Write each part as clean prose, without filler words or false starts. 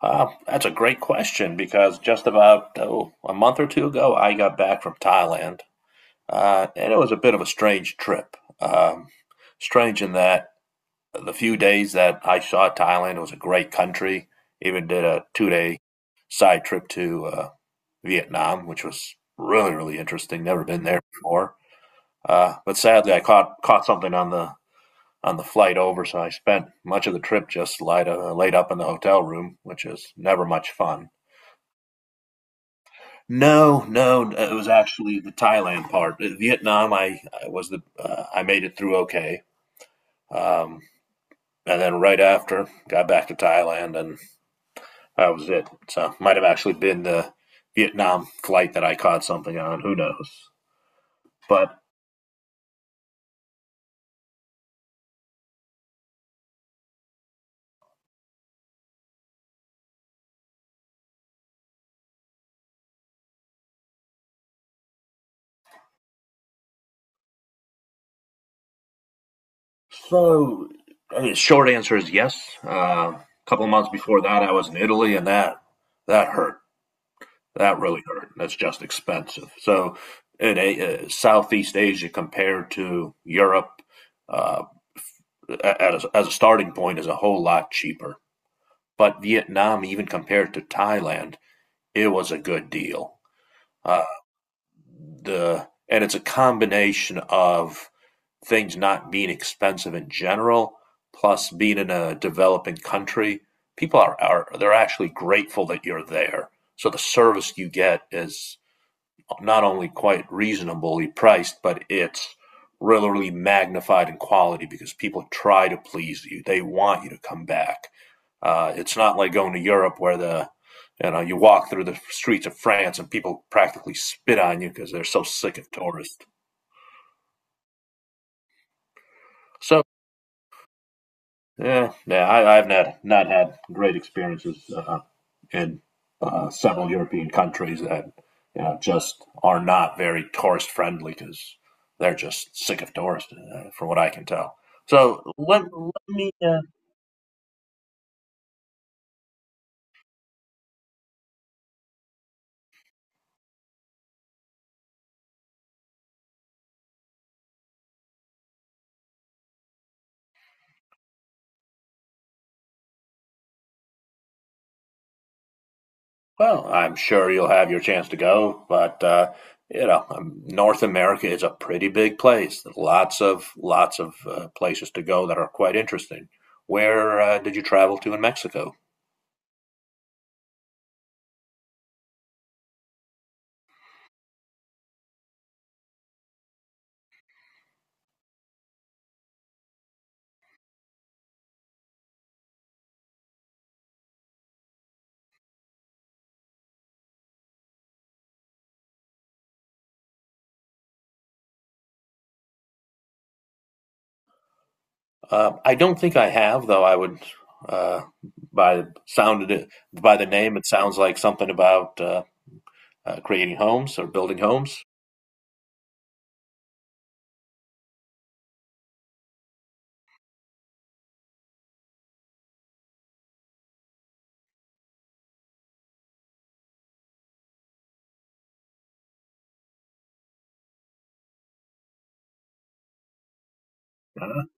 That's a great question because just about oh, a month or two ago, I got back from Thailand. And it was a bit of a strange trip. Um, strange in that the few days that I saw Thailand it was a great country. Even did a two-day side trip to Vietnam, which was really, really interesting. Never been there before. But sadly, I caught something on the flight over, so I spent much of the trip just light, laid up in the hotel room, which is never much fun. No, no, it was actually the Thailand part. Vietnam, I was the I made it through okay. um, and then right after got back to Thailand, and that was it. So might have actually been the Vietnam flight that I caught something on. Who knows? But so, I mean, short answer is yes. A couple of months before that, I was in Italy, and that hurt. That really hurt. That's just expensive. So, in a, Southeast Asia compared to Europe, uh, a- at as a starting point, is a whole lot cheaper. But Vietnam, even compared to Thailand, it was a good deal. Uh, the and it's a combination of things not being expensive in general, plus being in a developing country. People are they're actually grateful that you're there. So the service you get is not only quite reasonably priced, but it's really magnified in quality because people try to please you. They want you to come back. It's not like going to Europe where the you know you walk through the streets of France and people practically spit on you because they're so sick of tourists. So Yeah, yeah, I've not had great experiences in several European countries that you know just are not very tourist friendly because they're just sick of tourists, from what I can tell. So let let me. Well, I'm sure you'll have your chance to go, but North America is a pretty big place. There's lots of places to go that are quite interesting. Where did you travel to in Mexico? I don't think I have, though. I would uh, by sounded it by the name, it sounds like something about creating homes or building homes. Uh,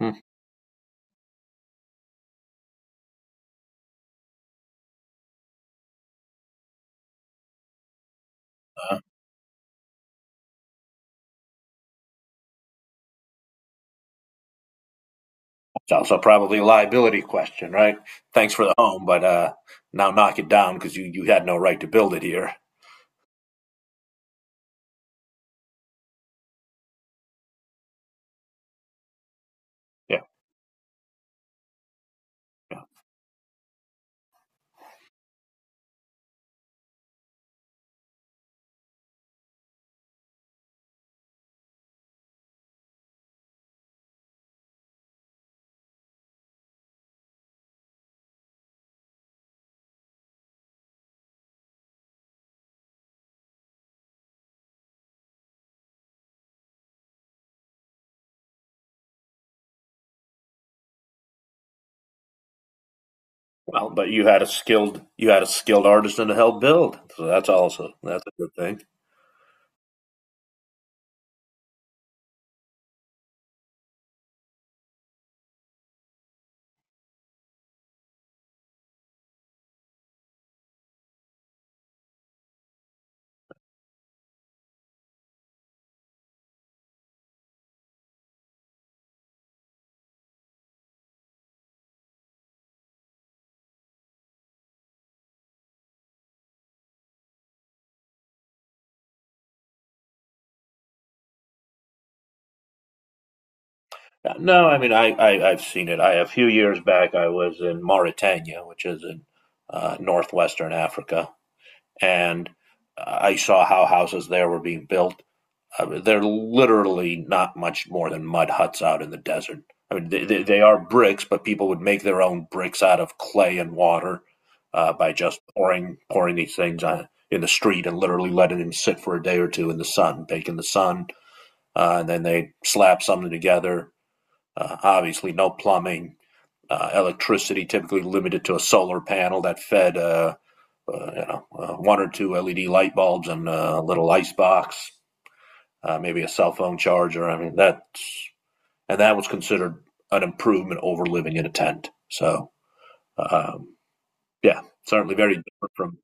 hmm. Uh, it's also probably a liability question, right? Thanks for the home, but now knock it down because you had no right to build it here. Yeah, yeah. Well, but you had a skilled you had a skilled artisan to help build, so that's also that's a good thing. No, I mean, I've seen it. I, a few years back, I was in Mauritania, which is in northwestern Africa, and I saw how houses there were being built. I mean, they're literally not much more than mud huts out in the desert. I mean, they are bricks, but people would make their own bricks out of clay and water by just pouring these things on, in the street and literally letting them sit for a day or two in the sun, bake in the sun. And then they slap something together. Obviously, no plumbing. Electricity typically limited to a solar panel that fed one or two LED light bulbs and a little ice box, maybe a cell phone charger. I mean that, and that was considered an improvement over living in a tent. Um, yeah, certainly very different from.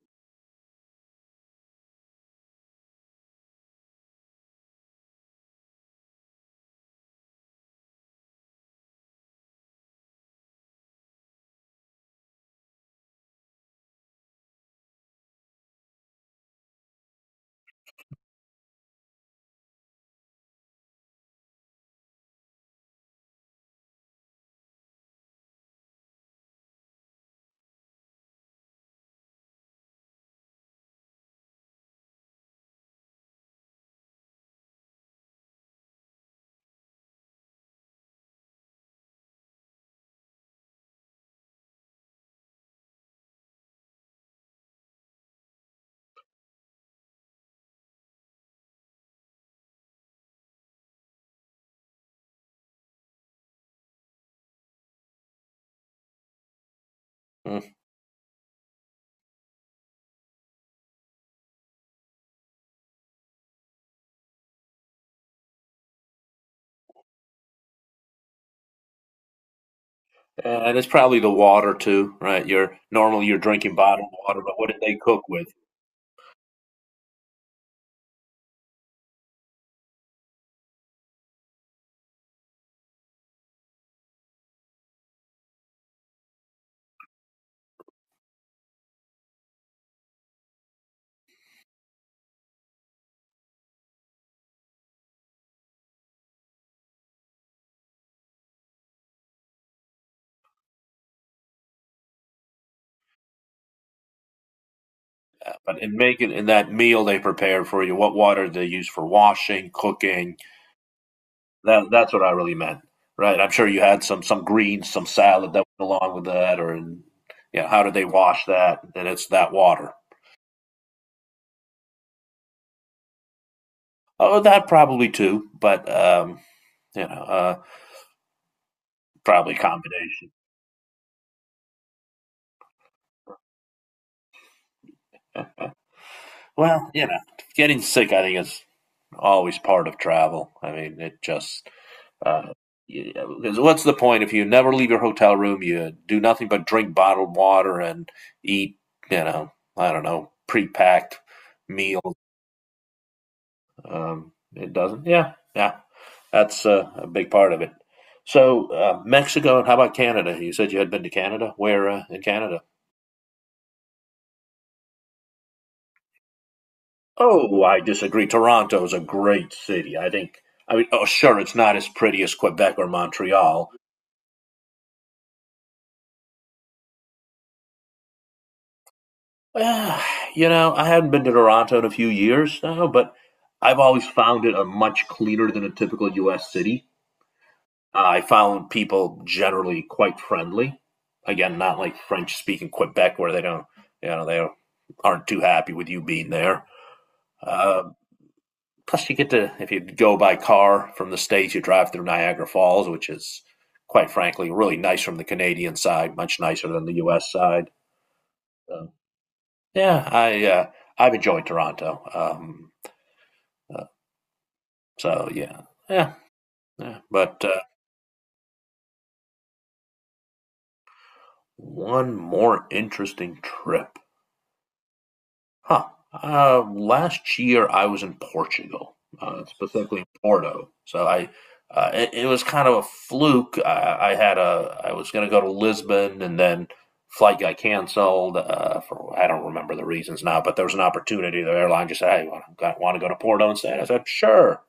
Mm. And it's probably the water too, right? You're normally you're drinking bottled water, but what did they cook with? But in that meal they prepared for you, what water did they use for washing, cooking, that's what I really meant, right? I'm sure you had some greens, some salad that went along with that, or yeah, how did they wash that? And it's that water. Oh, that probably too, but you know, uh, probably combination. Well, you know, getting sick, I think, is always part of travel. I mean, it just uh, you know, 'cause what's the point if you never leave your hotel room? You do nothing but drink bottled water and eat, you know, I don't know, pre-packed meals. It doesn't. Yeah, yeah. That's a big part of it. So Mexico, and how about Canada? You said you had been to Canada. Where in Canada? Oh, I disagree. Toronto is a great city, I think. I mean, oh, sure, it's not as pretty as Quebec or Montreal. Uh, you know, I haven't been to Toronto in a few years now, but I've always found it a much cleaner than a typical U.S. city. I found people generally quite friendly. Again, not like French speaking Quebec where they don't, you know, they aren't too happy with you being there. Uh, Plus, you get to, if you go by car from the States, you drive through Niagara Falls, which is quite frankly really nice from the Canadian side, much nicer than the U.S. side. So, yeah, I've enjoyed Toronto. Uh, yeah, yeah, yeah. But One more interesting trip. Huh. Last year I was in Portugal, specifically in Porto. It, it was kind of a fluke. I had a, I was going to go to Lisbon and then flight got canceled for I don't remember the reasons now, but there was an opportunity. The airline just said, "Hey, want to go to Porto instead?" I said, "Sure."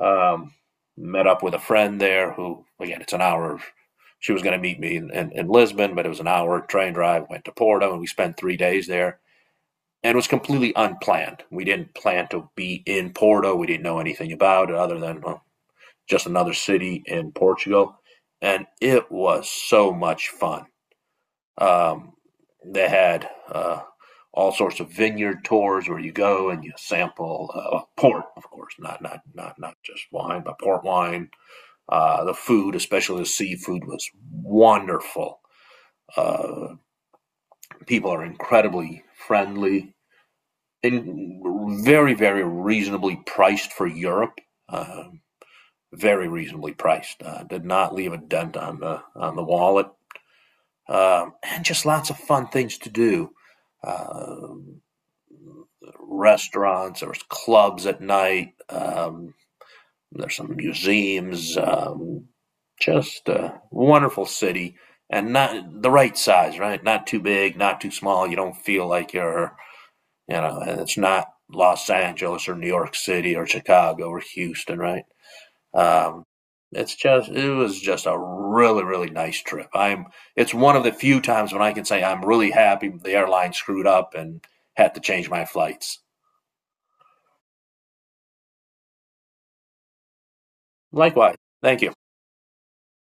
Um, Met up with a friend there who, again, it's an hour. She was going to meet me in Lisbon, but it was an hour train drive. Went to Porto and we spent 3 days there and it was completely unplanned. We didn't plan to be in Porto. We didn't know anything about it other than well, just another city in Portugal, and it was so much fun. Um, they had all sorts of vineyard tours where you go and you sample port, of course, not just wine, but port wine. The food, especially the seafood, was wonderful. Uh, People are incredibly friendly and very, very reasonably priced for Europe. Uh, Very reasonably priced. Did not leave a dent on the wallet. And just lots of fun things to do. Uh, Restaurants, there was clubs at night. There's some museums. Just a wonderful city, and not the right size, right? Not too big, not too small. You don't feel like and it's not Los Angeles or New York City or Chicago or Houston, right? Um, it's just it was just a really really nice trip. I'm It's one of the few times when I can say I'm really happy the airline screwed up and had to change my flights. Likewise, thank you.